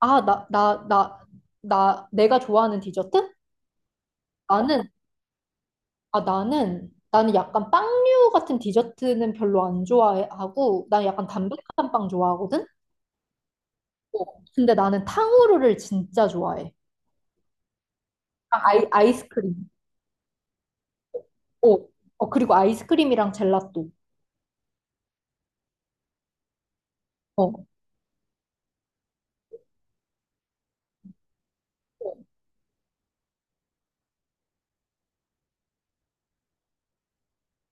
아, 내가 좋아하는 디저트? 어. 나는, 나는 약간 빵류 같은 디저트는 별로 안 좋아하고, 난 약간 담백한 빵 좋아하거든? 어. 근데 나는 탕후루를 진짜 좋아해. 아, 아이스크림. 어, 어, 그리고 아이스크림이랑 젤라또. 어,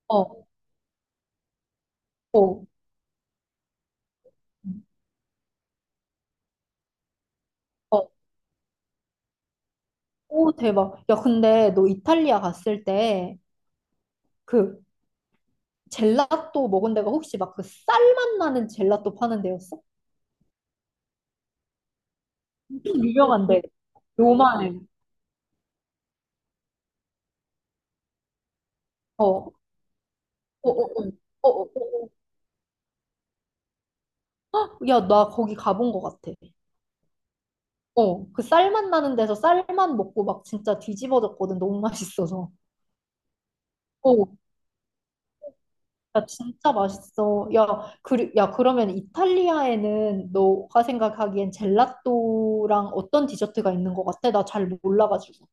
어, 어, 어. 오, 대박. 야, 근데 너 이탈리아 갔을 때, 그, 젤라또 먹은 데가 혹시 막 그 쌀맛 나는 젤라또 파는 데였어? 유명한데 요만해. 어, 어, 어, 어, 어, 어, 어. 야, 나 거기 가본 것 같아. 어, 그 쌀맛 나는 데서 쌀만 먹고 막 진짜 뒤집어졌거든. 너무 맛있어서. 어, 야, 진짜 맛있어. 야, 그러면 이탈리아에는 너가 생각하기엔 젤라또랑 어떤 디저트가 있는 것 같아? 나 잘 몰라가지고.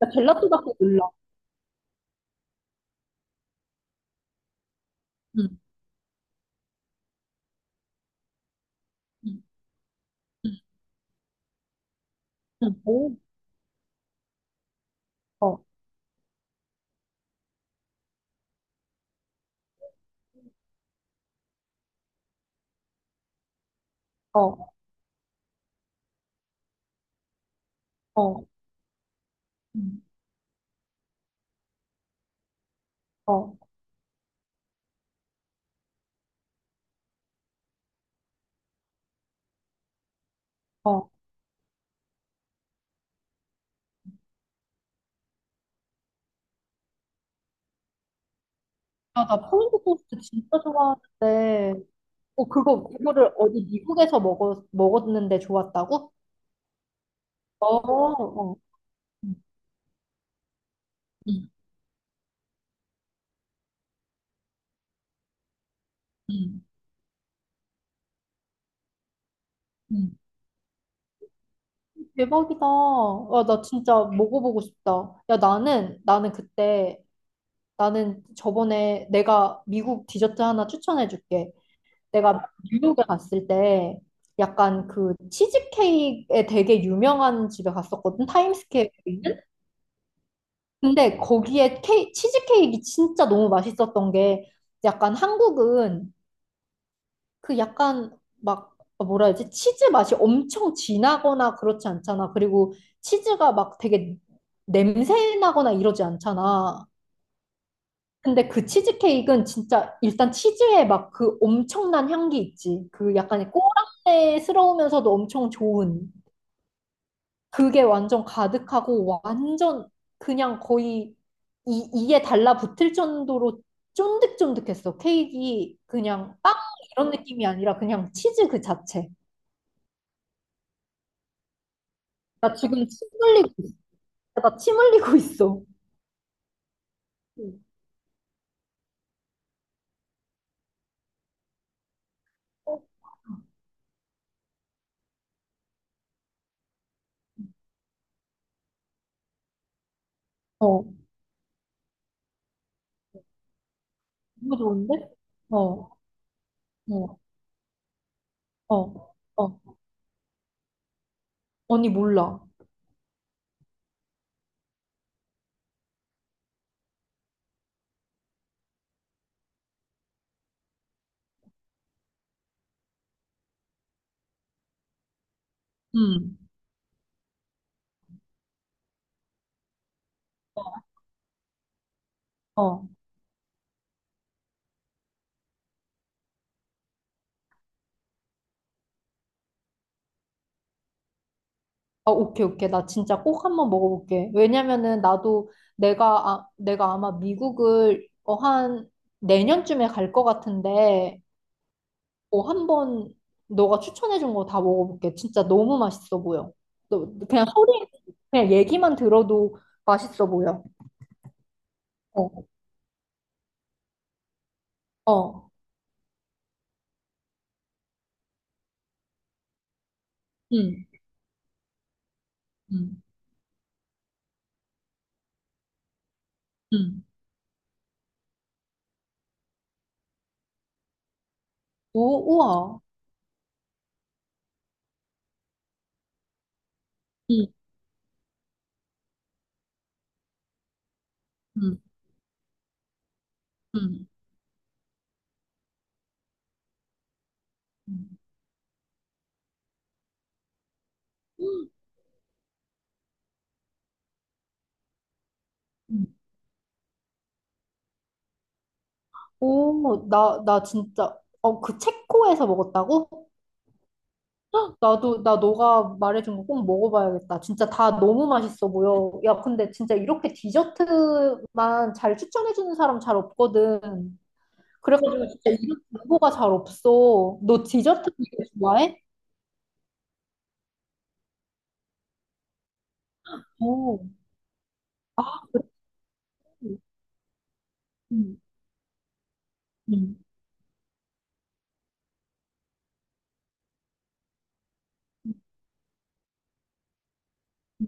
나 젤라또밖에 몰라. 응, 응, 응, 응. 오, 어, 어, 어, 응, 어, 어. 아, 나 토마토 소스 진짜 좋아하는데, 어, 그거를 어디 미국에서 먹었는데 좋았다고? 어, 어. 응, 응, 응. 응. 대박이다. 아, 나 진짜 먹어보고 싶다. 야, 나는 저번에 내가 미국 디저트 하나 추천해줄게. 내가 뉴욕에 갔을 때, 약간 그 치즈케이크에 되게 유명한 집에 갔었거든. 타임스퀘어에 있는? 근데 거기에 치즈케이크가 진짜 너무 맛있었던 게 약간 한국은 그 약간 막 뭐라 해야지 치즈 맛이 엄청 진하거나 그렇지 않잖아. 그리고 치즈가 막 되게 냄새 나거나 이러지 않잖아. 근데 그 치즈케이크는 진짜 일단 치즈에 막 그 엄청난 향기 있지. 그 약간 꼬랑내스러우면서도 엄청 좋은. 그게 완전 가득하고 완전 그냥 거의 이에 달라붙을 정도로 쫀득쫀득했어. 케이크가 그냥 빵 이런 느낌이 아니라 그냥 치즈 그 자체. 나 지금 침 흘리고 있어. 나 침 흘리고 있어. 음. 어, 너무 좋은데? 어, 어, 어, 어. 언니 몰라. 음. 어. 아, 오케이, 오케이. 나 진짜 꼭 한번 먹어볼게. 왜냐면은 나도 내가 아마 미국을 한 내년쯤에 갈 것 같은데, 어, 한번 너가 추천해준 거 다 먹어볼게. 진짜 너무 맛있어 보여. 너, 그냥 소리, 그냥 얘기만 들어도 맛있어 보여. 어, 어, 응, 응, 응. 오, 우와. 응, 응, 응. 응. 음, 음. 오, 그 체코에서 먹었다고? 헉, 나도 나 너가 말해준 거 꼭 먹어봐야겠다. 진짜 다 너무 맛있어 보여. 야, 근데 진짜 이렇게 디저트만 잘 추천해주는 사람 잘 없거든. 그래가지고 진짜 이런 정보가 잘 없어. 너 디저트 되게 좋아해? 오, 아, 그래? 응, 응. 응.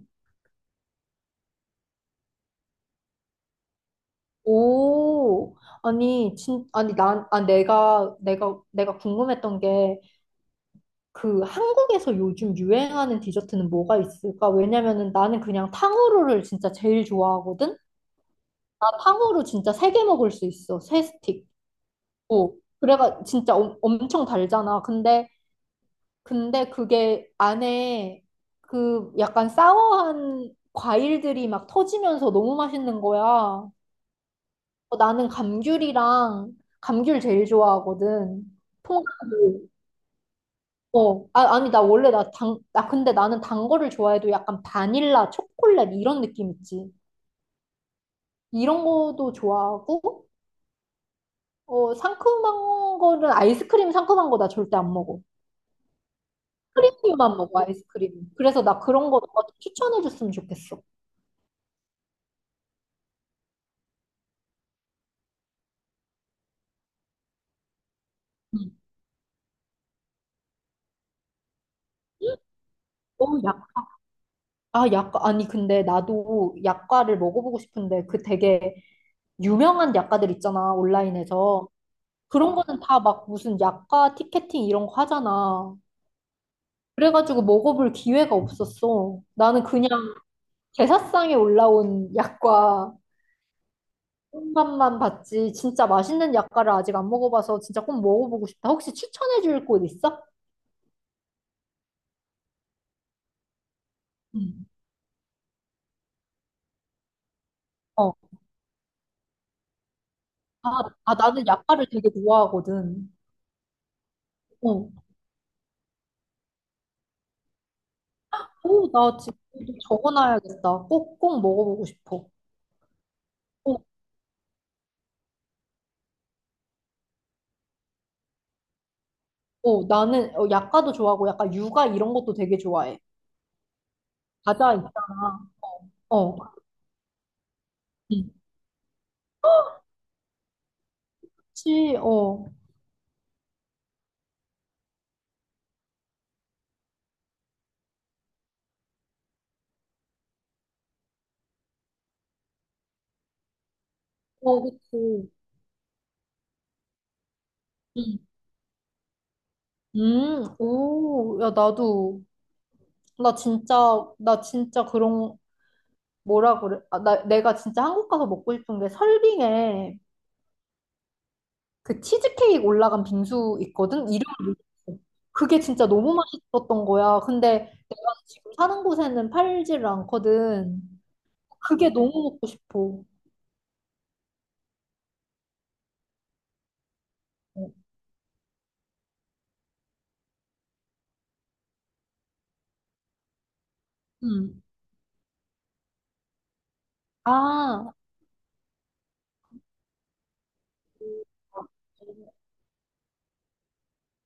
오, 아니, 진, 아니, 난, 아, 내가, 내가, 내가 궁금했던 게, 그 한국에서 요즘 유행하는 디저트는 뭐가 있을까? 왜냐면은 나는 그냥 탕후루를 진짜 제일 좋아하거든? 나 탕후루 진짜 세 개 먹을 수 있어. 세 스틱. 어. 그래가 진짜 엄청 달잖아. 근데 그게 안에 그 약간 사워한 과일들이 막 터지면서 너무 맛있는 거야. 어, 나는 감귤 제일 좋아하거든. 통감귤. 어, 아, 아니, 나 원래 나 당, 나 근데 나는 단 거를 좋아해도 약간 바닐라, 초콜릿 이런 느낌 있지. 이런 거도 좋아하고, 어, 상큼한 거는 아이스크림 상큼한 거 나 절대 안 먹어. 크림류만 먹어, 아이스크림. 그래서 나 그런 거 너가 좀 추천해 줬으면 좋겠어. 응. 어, 약과. 아니, 근데 나도 약과를 먹어보고 싶은데 그 되게 유명한 약과들 있잖아, 온라인에서. 그런 거는 다 막 무슨 약과 티켓팅 이런 거 하잖아. 그래가지고 먹어볼 기회가 없었어. 나는 그냥 제사상에 올라온 약과 맛만 봤지. 진짜 맛있는 약과를 아직 안 먹어봐서 진짜 꼭 먹어보고 싶다. 혹시 추천해줄 곳 있어? 응 어. 아, 아, 나는 약과를 되게 좋아하거든. 어. 오, 나 지금 또 적어놔야겠다. 꼭, 꼭 먹어보고 싶어. 어, 어, 나는 약과도 좋아하고 약간 육아 이런 것도 되게 좋아해. 과자 있잖아. 어. 응. 그치, 어. 어, 그치. 응. 오, 야, 나도, 나 진짜, 나 진짜 그런, 뭐라 그래. 아, 내가 진짜 한국 가서 먹고 싶은 게 설빙에 그 치즈케이크 올라간 빙수 있거든? 이름을 모르겠어. 그게 진짜 너무 맛있었던 거야. 근데 내가 지금 사는 곳에는 팔지를 않거든. 그게 너무 먹고 싶어. 어, 음. 아,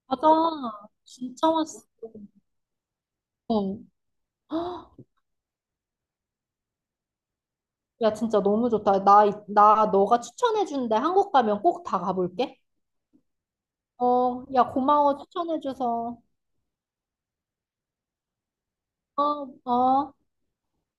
어, 맞아. 진짜 맛있어. 어. 야, 진짜 너무 좋다. 나 너가 추천해준 데 한국 가면 꼭 다 가볼게. 어, 야, 고마워. 추천해줘서. 어, 어.